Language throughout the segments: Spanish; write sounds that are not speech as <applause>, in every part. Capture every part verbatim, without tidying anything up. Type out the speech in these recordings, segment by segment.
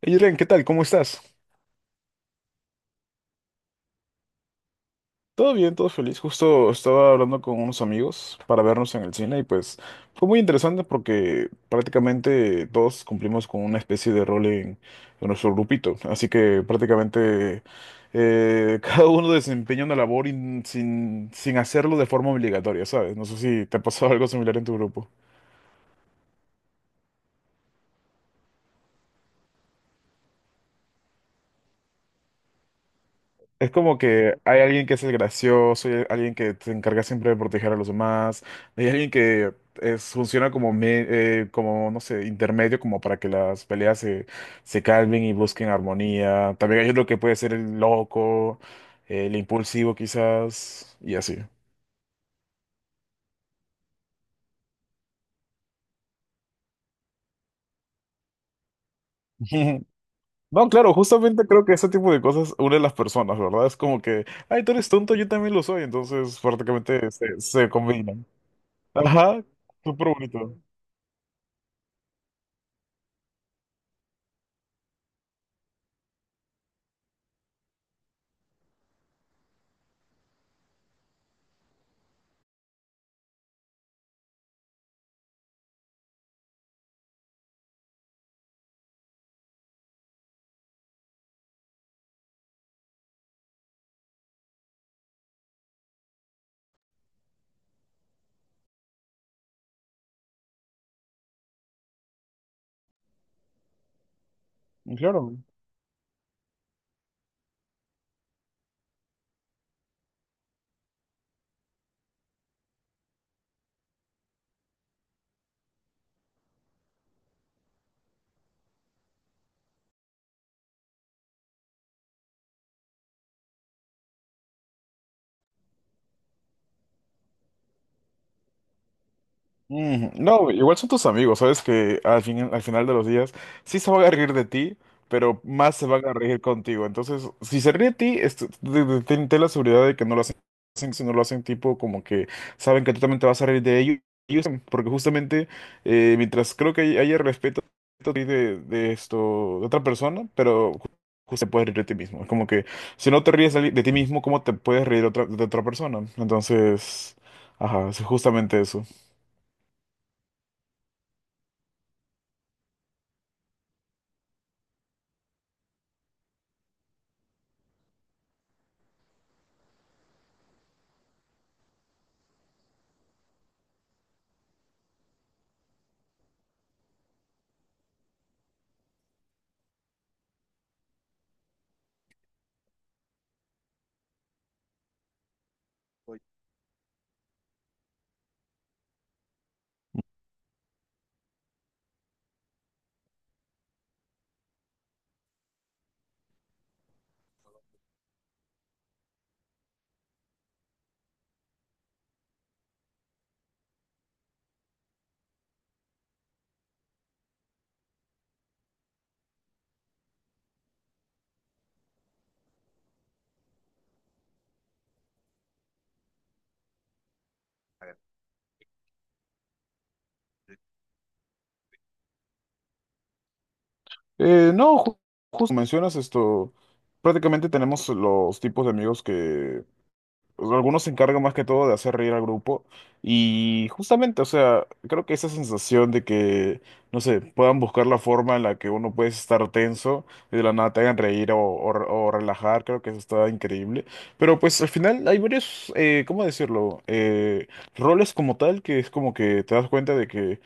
Hey, Irene, ¿qué tal? ¿Cómo estás? Todo bien, todo feliz. Justo estaba hablando con unos amigos para vernos en el cine y pues fue muy interesante porque prácticamente todos cumplimos con una especie de rol en, en nuestro grupito. Así que prácticamente eh, <laughs> cada uno desempeña una labor in- sin, sin hacerlo de forma obligatoria, ¿sabes? No sé si te ha pasado algo similar en tu grupo. Es como que hay alguien que es el gracioso, hay alguien que se encarga siempre de proteger a los demás, hay alguien que es, funciona como, me- eh, como, no sé, intermedio, como para que las peleas se, se calmen y busquen armonía. También hay lo que puede ser el loco, el impulsivo quizás, y así. <laughs> No, claro, justamente creo que ese tipo de cosas une a las personas, ¿verdad? Es como que, ay, tú eres tonto, yo también lo soy, entonces prácticamente se, se combinan. Ajá, súper bonito. Claro. Mm, no, igual son tus amigos, sabes que al fin, al final de los días sí se van a reír de ti, pero más se van a reír contigo. Entonces, si se ríe de ti, es- de- de- ten, ten la seguridad de que no lo hacen, si no lo hacen tipo como que saben que tú también te vas a reír de ellos, ellos, porque justamente eh, mientras creo que hay- haya respeto de, de esto, de otra persona, pero ju- justo te puedes reír de ti mismo. Es como que si no te ríes de, de ti mismo, ¿cómo te puedes reír de otra, de otra persona? Entonces, ajá, es justamente eso. Eh, no, ju- justo como mencionas esto, prácticamente tenemos los tipos de amigos que o sea, algunos se encargan más que todo de hacer reír al grupo y justamente, o sea, creo que esa sensación de que, no sé, puedan buscar la forma en la que uno puede estar tenso y de la nada te hagan reír o, o re- o relajar, creo que eso está increíble. Pero pues al final hay varios, eh, ¿cómo decirlo? Eh, roles como tal que es como que te das cuenta de que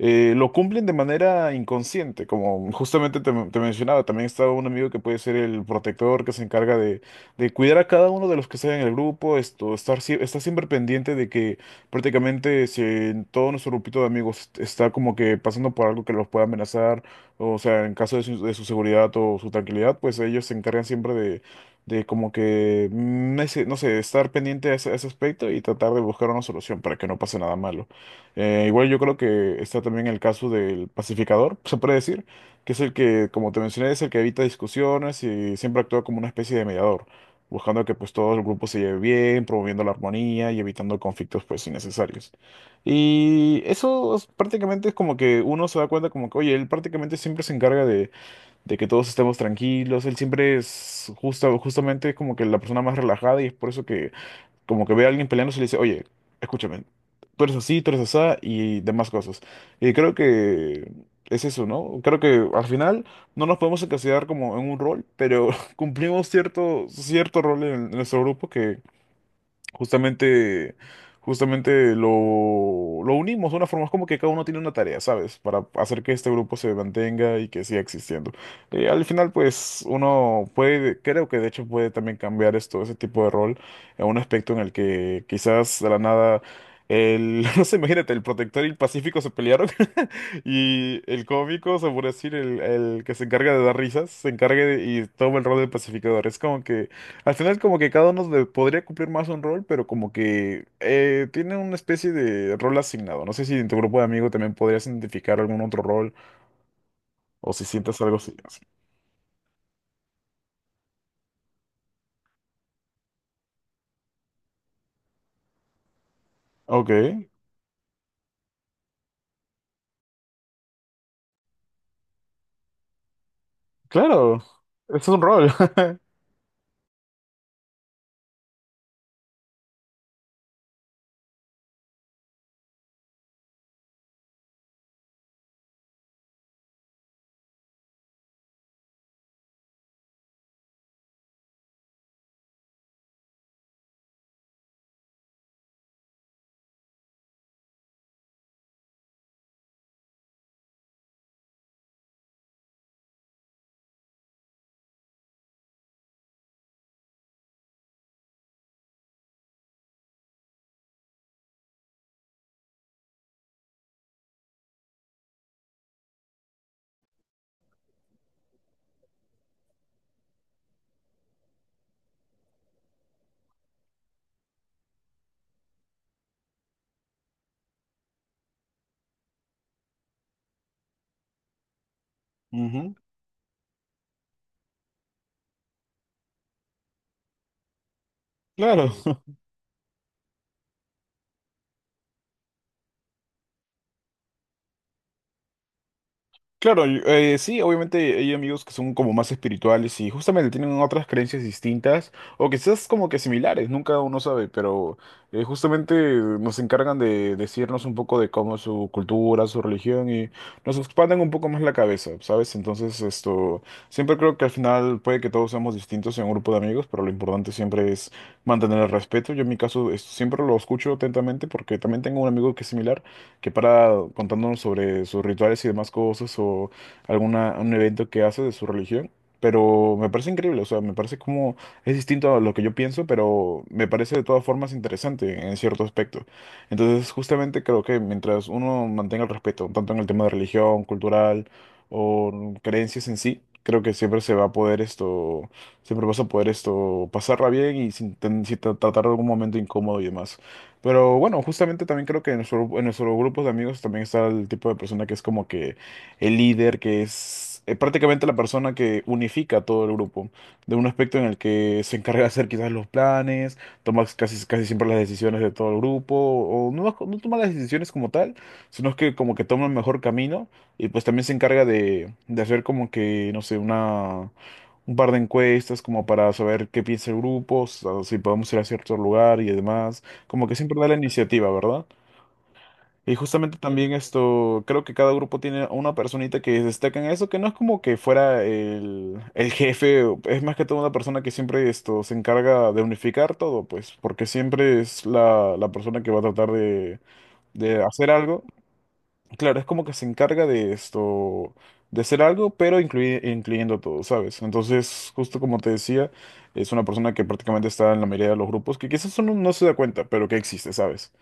eh, lo cumplen de manera inconsciente, como justamente te, te mencionaba, también está un amigo que puede ser el protector que se encarga de, de cuidar a cada uno de los que están en el grupo, esto, estar, sie- está siempre pendiente de que prácticamente si en todo nuestro grupito de amigos está como que pasando por algo que los pueda amenazar, o sea, en caso de su, de su seguridad o su tranquilidad, pues ellos se encargan siempre de... de como que, mm, ese- no sé, estar pendiente a ese, a ese aspecto y tratar de buscar una solución para que no pase nada malo. Eh, igual yo creo que está también el caso del pacificador, se puede decir, que es el que, como te mencioné, es el que evita discusiones y siempre actúa como una especie de mediador, buscando que pues todo el grupo se lleve bien, promoviendo la armonía y evitando conflictos pues innecesarios. Y eso es- prácticamente es como que uno se da cuenta como que, oye, él prácticamente siempre se encarga de, de que todos estemos tranquilos, él siempre es justa, justamente es como que la persona más relajada y es por eso que como que ve a alguien peleándose y le dice, oye, escúchame, tú eres así, tú eres asá y demás cosas. Y creo que es eso, ¿no? Creo que al final no nos podemos encasillar como en un rol, pero <laughs> cumplimos cierto, cierto rol en, en nuestro grupo. Justamente, justamente lo, lo unimos de una forma, es como que cada uno tiene una tarea, ¿sabes? Para hacer que este grupo se mantenga y que siga existiendo. Y al final, pues, uno puede, creo que de hecho puede también cambiar esto, ese tipo de rol, a un aspecto en el que quizás de la nada, el, <laughs> no sé, imagínate, el protector y el pacífico se pelearon <laughs> y el cómico, se puede decir, el, el que se encarga de dar risas, se encargue de- y toma el rol del pacificador. Es como que al final como que cada uno de- podría cumplir más un rol, pero como que eh, tiene una especie de rol asignado. No sé si en tu grupo de amigos también podrías identificar algún otro rol o si sientes algo así. así. Ok, claro, es un rol. <laughs> Ujú. Claro. Claro, y- eh, sí, obviamente hay amigos que son como más espirituales y justamente tienen otras creencias distintas o quizás como que similares, nunca uno sabe, pero eh, justamente nos encargan de decirnos un poco de cómo es su cultura, su religión y nos expanden un poco más la cabeza, ¿sabes? Entonces esto, siempre creo que al final puede que todos seamos distintos en un grupo de amigos, pero lo importante siempre es mantener el respeto. Yo en mi caso es- siempre lo escucho atentamente porque también tengo un amigo que es similar que para contándonos sobre sus rituales y demás cosas o alguna, un evento que hace de su religión. Pero me parece increíble, o sea, me parece como es distinto a lo que yo pienso, pero me parece de todas formas interesante en cierto aspecto. Entonces, justamente creo que mientras uno mantenga el respeto, tanto en el tema de religión, cultural o creencias en sí, creo que siempre se va a poder esto, siempre vas a poder esto pasarla bien y sin, ten- sin tra- tratar de algún momento incómodo y demás. Pero bueno, justamente también creo que en nuestro, en nuestro grupo de amigos también está el tipo de persona que es como que el líder, que es eh, prácticamente la persona que unifica a todo el grupo, de un aspecto en el que se encarga de hacer quizás los planes, toma casi, casi siempre las decisiones de todo el grupo, o no, no no toma las decisiones como tal, sino que como que toma el mejor camino y pues también se encarga de, de hacer como que, no sé, una... Un par de encuestas como para saber qué piensa el grupo, o si podemos ir a cierto lugar y demás. Como que siempre da la iniciativa, ¿verdad? Y justamente también esto, creo que cada grupo tiene a una personita que destaca en eso, que no es como que fuera el, el jefe, o- es más que todo una persona que siempre esto se encarga de unificar todo, pues, porque siempre es la, la persona que va a tratar de, de hacer algo. Claro, es como que se encarga de esto, de hacer algo, pero incluye- incluyendo todo, ¿sabes? Entonces, justo como te decía, es una persona que prácticamente está en la mayoría de los grupos, que quizás uno no se da cuenta, pero que existe, ¿sabes?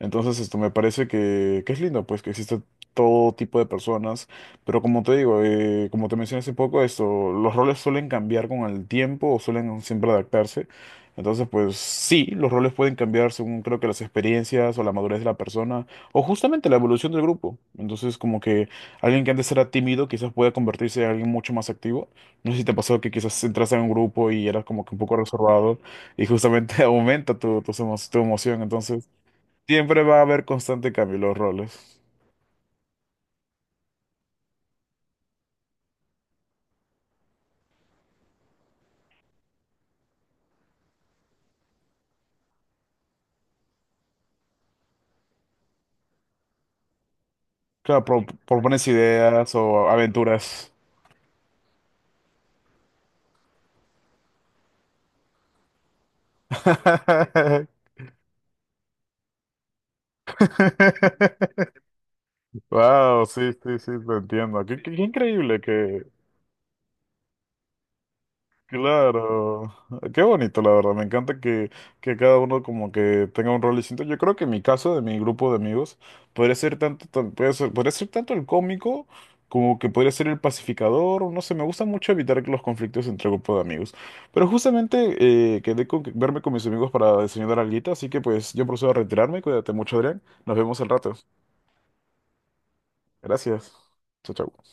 Entonces, esto me parece que, que es lindo, pues, que existe todo tipo de personas, pero como te digo, eh, como te mencioné hace poco, esto, los roles suelen cambiar con el tiempo o suelen siempre adaptarse. Entonces, pues sí, los roles pueden cambiar según creo que las experiencias o la madurez de la persona o justamente la evolución del grupo. Entonces, como que alguien que antes era tímido quizás pueda convertirse en alguien mucho más activo. No sé si te pasó que quizás entras en un grupo y eras como que un poco reservado y justamente <laughs> aumenta tu, tus emo- tu emoción. Entonces, siempre va a haber constante cambio en los roles. Claro, pro- propones ideas o aventuras. <laughs> Wow, sí, sí, sí, te entiendo. Qué, qué- qué increíble que, claro, qué bonito la verdad, me encanta que, que cada uno como que tenga un rol distinto. Yo creo que en mi caso, de mi grupo de amigos, podría ser tanto, tan- puede ser, podría ser tanto el cómico como que podría ser el pacificador, o no sé, me gusta mucho evitar los conflictos entre grupo de amigos. Pero justamente eh, quedé con que- verme con mis amigos para diseñar algo, así que pues yo procedo a retirarme, cuídate mucho, Adrián, nos vemos al rato. Gracias. Chao, chao.